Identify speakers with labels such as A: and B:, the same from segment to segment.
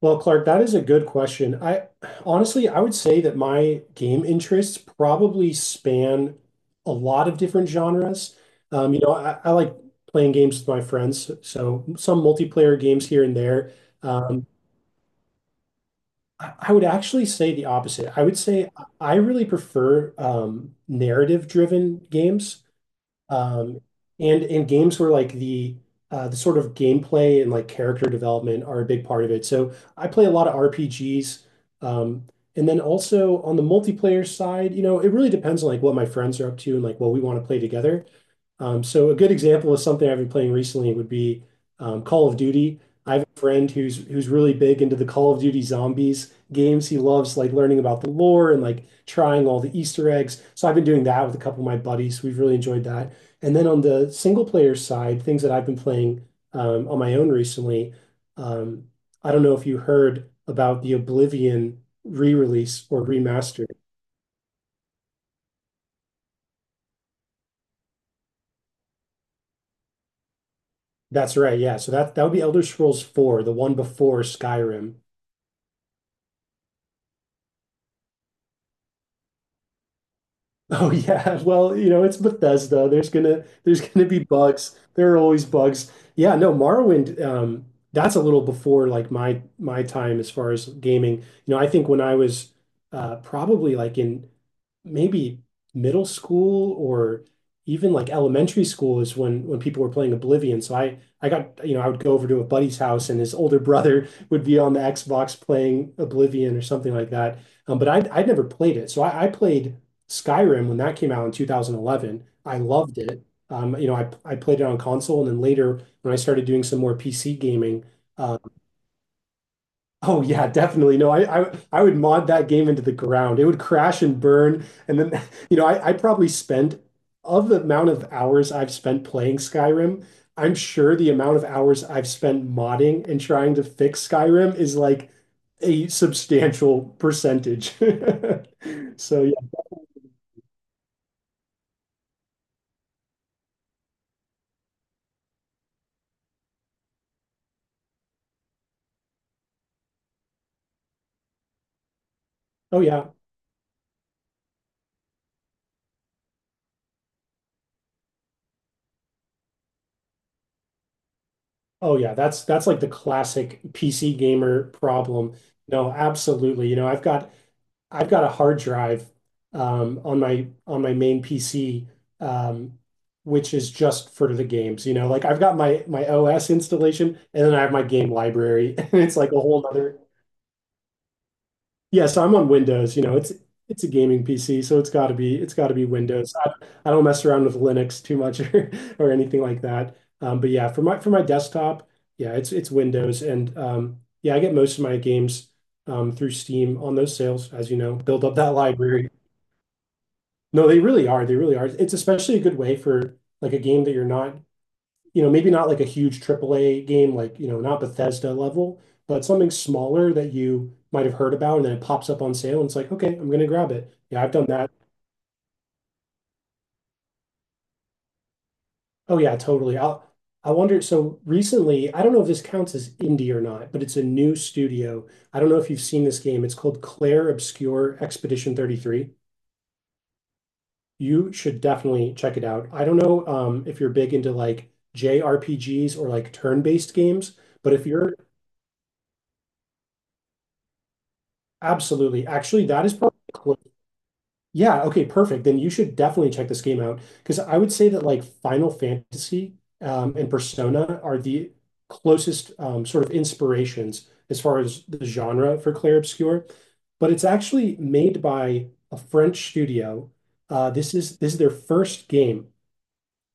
A: Well, Clark, that is a good question. I honestly, I would say that my game interests probably span a lot of different genres. I like playing games with my friends, so some multiplayer games here and there. Um, I would actually say the opposite. I would say I really prefer narrative-driven games. Um, and games where like the sort of gameplay and like character development are a big part of it. So I play a lot of RPGs. Um, and then also on the multiplayer side, you know, it really depends on like what my friends are up to and like what we want to play together. So a good example of something I've been playing recently would be Call of Duty. I have a friend who's really big into the Call of Duty Zombies games. He loves like learning about the lore and like trying all the Easter eggs. So I've been doing that with a couple of my buddies. We've really enjoyed that. And then on the single player side, things that I've been playing on my own recently. Um, I don't know if you heard about the Oblivion re-release or remaster. That's right, yeah. So that would be Elder Scrolls 4, the one before Skyrim. Oh yeah, well, you know, it's Bethesda. There's gonna be bugs. There are always bugs. Yeah, no, Morrowind, that's a little before like my time as far as gaming. You know, I think when I was probably like in maybe middle school or even like elementary school is when people were playing Oblivion. So I got, you know, I would go over to a buddy's house and his older brother would be on the Xbox playing Oblivion or something like that. But I'd never played it. So I played Skyrim when that came out in 2011. I loved it. I played it on console, and then later when I started doing some more PC gaming, uh, oh yeah, definitely. No, I would mod that game into the ground. It would crash and burn, and then you know, I probably spent of the amount of hours I've spent playing Skyrim, I'm sure the amount of hours I've spent modding and trying to fix Skyrim is like a substantial percentage. So yeah, oh yeah. Oh yeah, that's like the classic PC gamer problem. No, absolutely. You know, I've got a hard drive on my main PC, um, which is just for the games. You know, like I've got my OS installation, and then I have my game library, and it's like a whole other yeah, so I'm on Windows. You know, it's a gaming PC, so it's got to be Windows. I don't mess around with Linux too much or anything like that. But yeah, for my desktop, yeah, it's Windows, and yeah, I get most of my games through Steam on those sales, as you know, build up that library. No, they really are. They really are. It's especially a good way for like a game that you're not you know, maybe not like a huge AAA game, like, you know, not Bethesda level, but something smaller that you might have heard about and then it pops up on sale and it's like, okay, I'm gonna grab it. Yeah, I've done that. Oh yeah, totally. I wonder, so recently, I don't know if this counts as indie or not, but it's a new studio. I don't know if you've seen this game. It's called Claire Obscure Expedition 33. You should definitely check it out. I don't know if you're big into like JRPGs or like turn-based games, but if you're absolutely, actually, that is probably yeah, okay, perfect. Then you should definitely check this game out because I would say that like Final Fantasy and Persona are the closest sort of inspirations as far as the genre for Clair Obscur. But it's actually made by a French studio. This is their first game,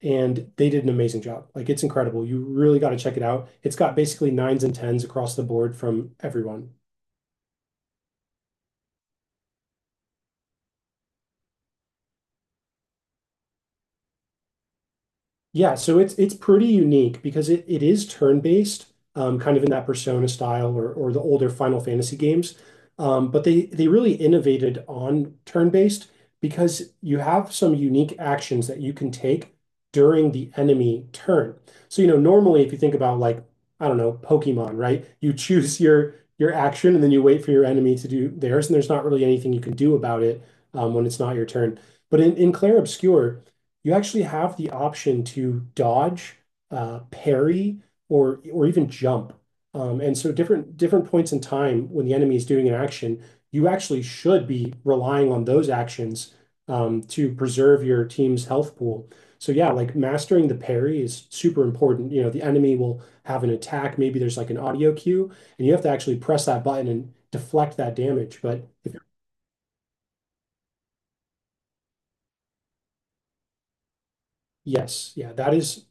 A: and they did an amazing job. Like it's incredible. You really got to check it out. It's got basically nines and tens across the board from everyone. Yeah, so it's pretty unique because it is turn-based, kind of in that Persona style or the older Final Fantasy games. But they really innovated on turn-based because you have some unique actions that you can take during the enemy turn. So, you know, normally if you think about like, I don't know, Pokemon, right? You choose your action and then you wait for your enemy to do theirs, and there's not really anything you can do about it when it's not your turn. But in Clair Obscur, you actually have the option to dodge, parry, or even jump. And so, different points in time when the enemy is doing an action, you actually should be relying on those actions to preserve your team's health pool. So, yeah, like mastering the parry is super important. You know, the enemy will have an attack. Maybe there's like an audio cue, and you have to actually press that button and deflect that damage. But if yes. Yeah, that is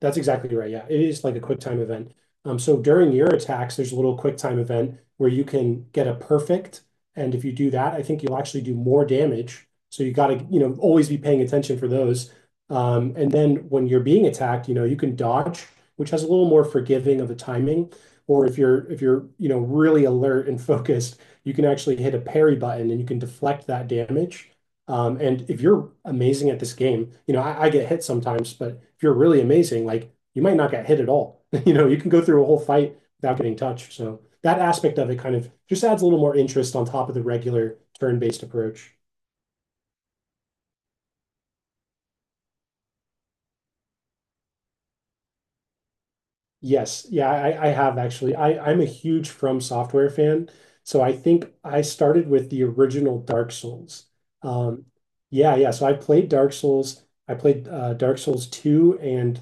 A: that's exactly right. Yeah. It is like a QuickTime event. So during your attacks, there's a little QuickTime event where you can get a perfect. And if you do that, I think you'll actually do more damage. So you gotta, you know, always be paying attention for those. And then when you're being attacked, you know, you can dodge, which has a little more forgiving of the timing. Or if you're you know, really alert and focused, you can actually hit a parry button and you can deflect that damage. And if you're amazing at this game, you know, I get hit sometimes, but if you're really amazing, like you might not get hit at all. You know, you can go through a whole fight without getting touched. So that aspect of it kind of just adds a little more interest on top of the regular turn-based approach. Yes. Yeah, I have actually. I'm a huge From Software fan. So I think I started with the original Dark Souls. Um, yeah. So I played Dark Souls. I played Dark Souls 2 and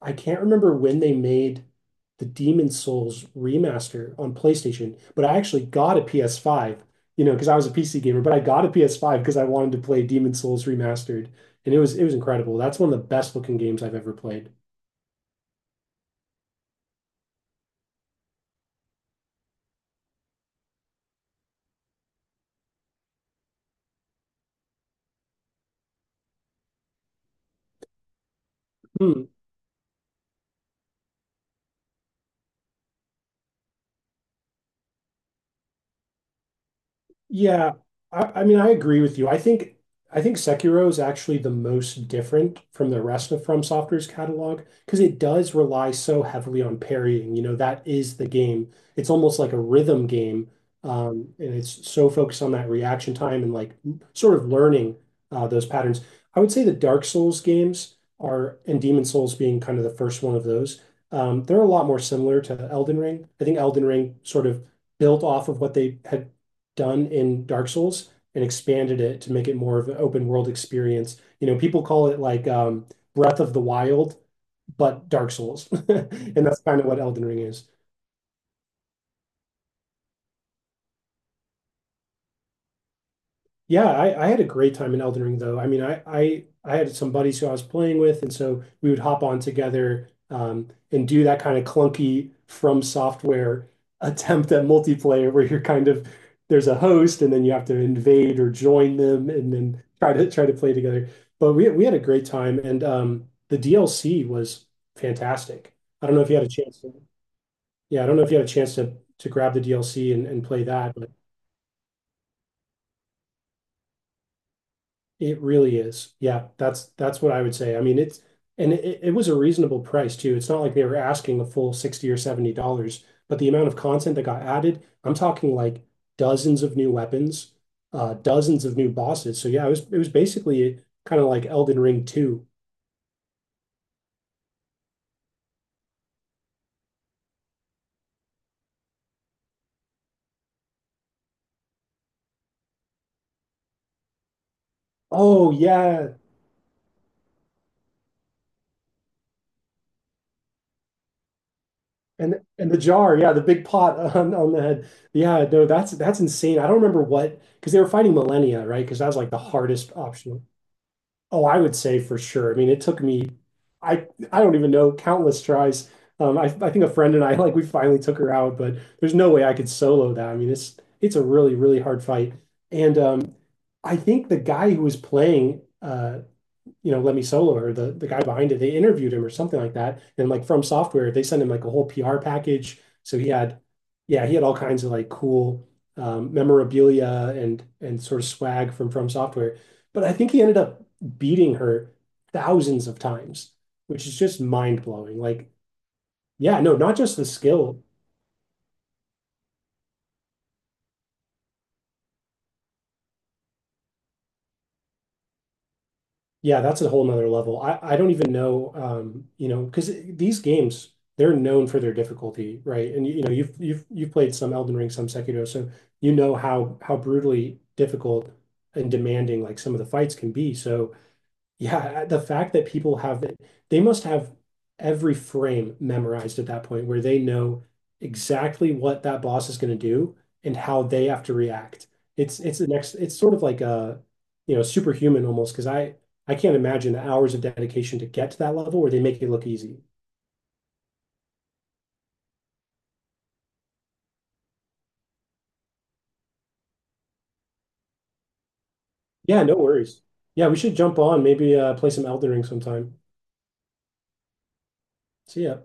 A: I can't remember when they made the Demon Souls remaster on PlayStation, but I actually got a PS5, you know, because I was a PC gamer, but I got a PS5 because I wanted to play Demon Souls remastered, and it was incredible. That's one of the best looking games I've ever played. Hmm. Yeah, I mean, I agree with you. I think Sekiro is actually the most different from the rest of From Software's catalog because it does rely so heavily on parrying. You know, that is the game. It's almost like a rhythm game, and it's so focused on that reaction time and like sort of learning those patterns. I would say the Dark Souls games are, and Demon Souls being kind of the first one of those, they're a lot more similar to Elden Ring. I think Elden Ring sort of built off of what they had done in Dark Souls and expanded it to make it more of an open world experience. You know, people call it like Breath of the Wild, but Dark Souls. And that's kind of what Elden Ring is. Yeah, I had a great time in Elden Ring though. I mean, I had some buddies who I was playing with, and so we would hop on together and do that kind of clunky From Software attempt at multiplayer where you're kind of there's a host and then you have to invade or join them and then try to play together. But we had a great time, and the DLC was fantastic. I don't know if you had a chance to, yeah, I don't know if you had a chance to grab the DLC and play that. It really is. Yeah, that's what I would say. I mean, it's and it was a reasonable price too. It's not like they were asking a full 60 or $70, but the amount of content that got added, I'm talking like dozens of new weapons, dozens of new bosses. So yeah, it was basically kind of like Elden Ring 2. Oh yeah. And the jar, yeah, the big pot on the head. Yeah, no, that's insane. I don't remember what because they were fighting Millennia, right? Because that was like the hardest option. Oh, I would say for sure. I mean, it took me, I I don't even know, countless tries. I think a friend and I like we finally took her out, but there's no way I could solo that. I mean, it's a really really hard fight. And I think the guy who was playing, you know, Lemmy Solo or the guy behind it, they interviewed him or something like that. And like from software, they sent him like a whole PR package. So he had, yeah, he had all kinds of like cool memorabilia and sort of swag from software. But I think he ended up beating her thousands of times, which is just mind blowing. Like, yeah, no, not just the skill yeah, that's a whole nother level. I don't even know, you know, because these games, they're known for their difficulty, right? And you know, you've played some Elden Ring, some Sekiro, so you know how brutally difficult and demanding like some of the fights can be. So yeah, the fact that people have it, they must have every frame memorized at that point where they know exactly what that boss is going to do and how they have to react. It's the next it's sort of like a you know superhuman almost because I can't imagine the hours of dedication to get to that level where they make it look easy. Yeah, no worries. Yeah, we should jump on, maybe play some Elden Ring sometime. See ya.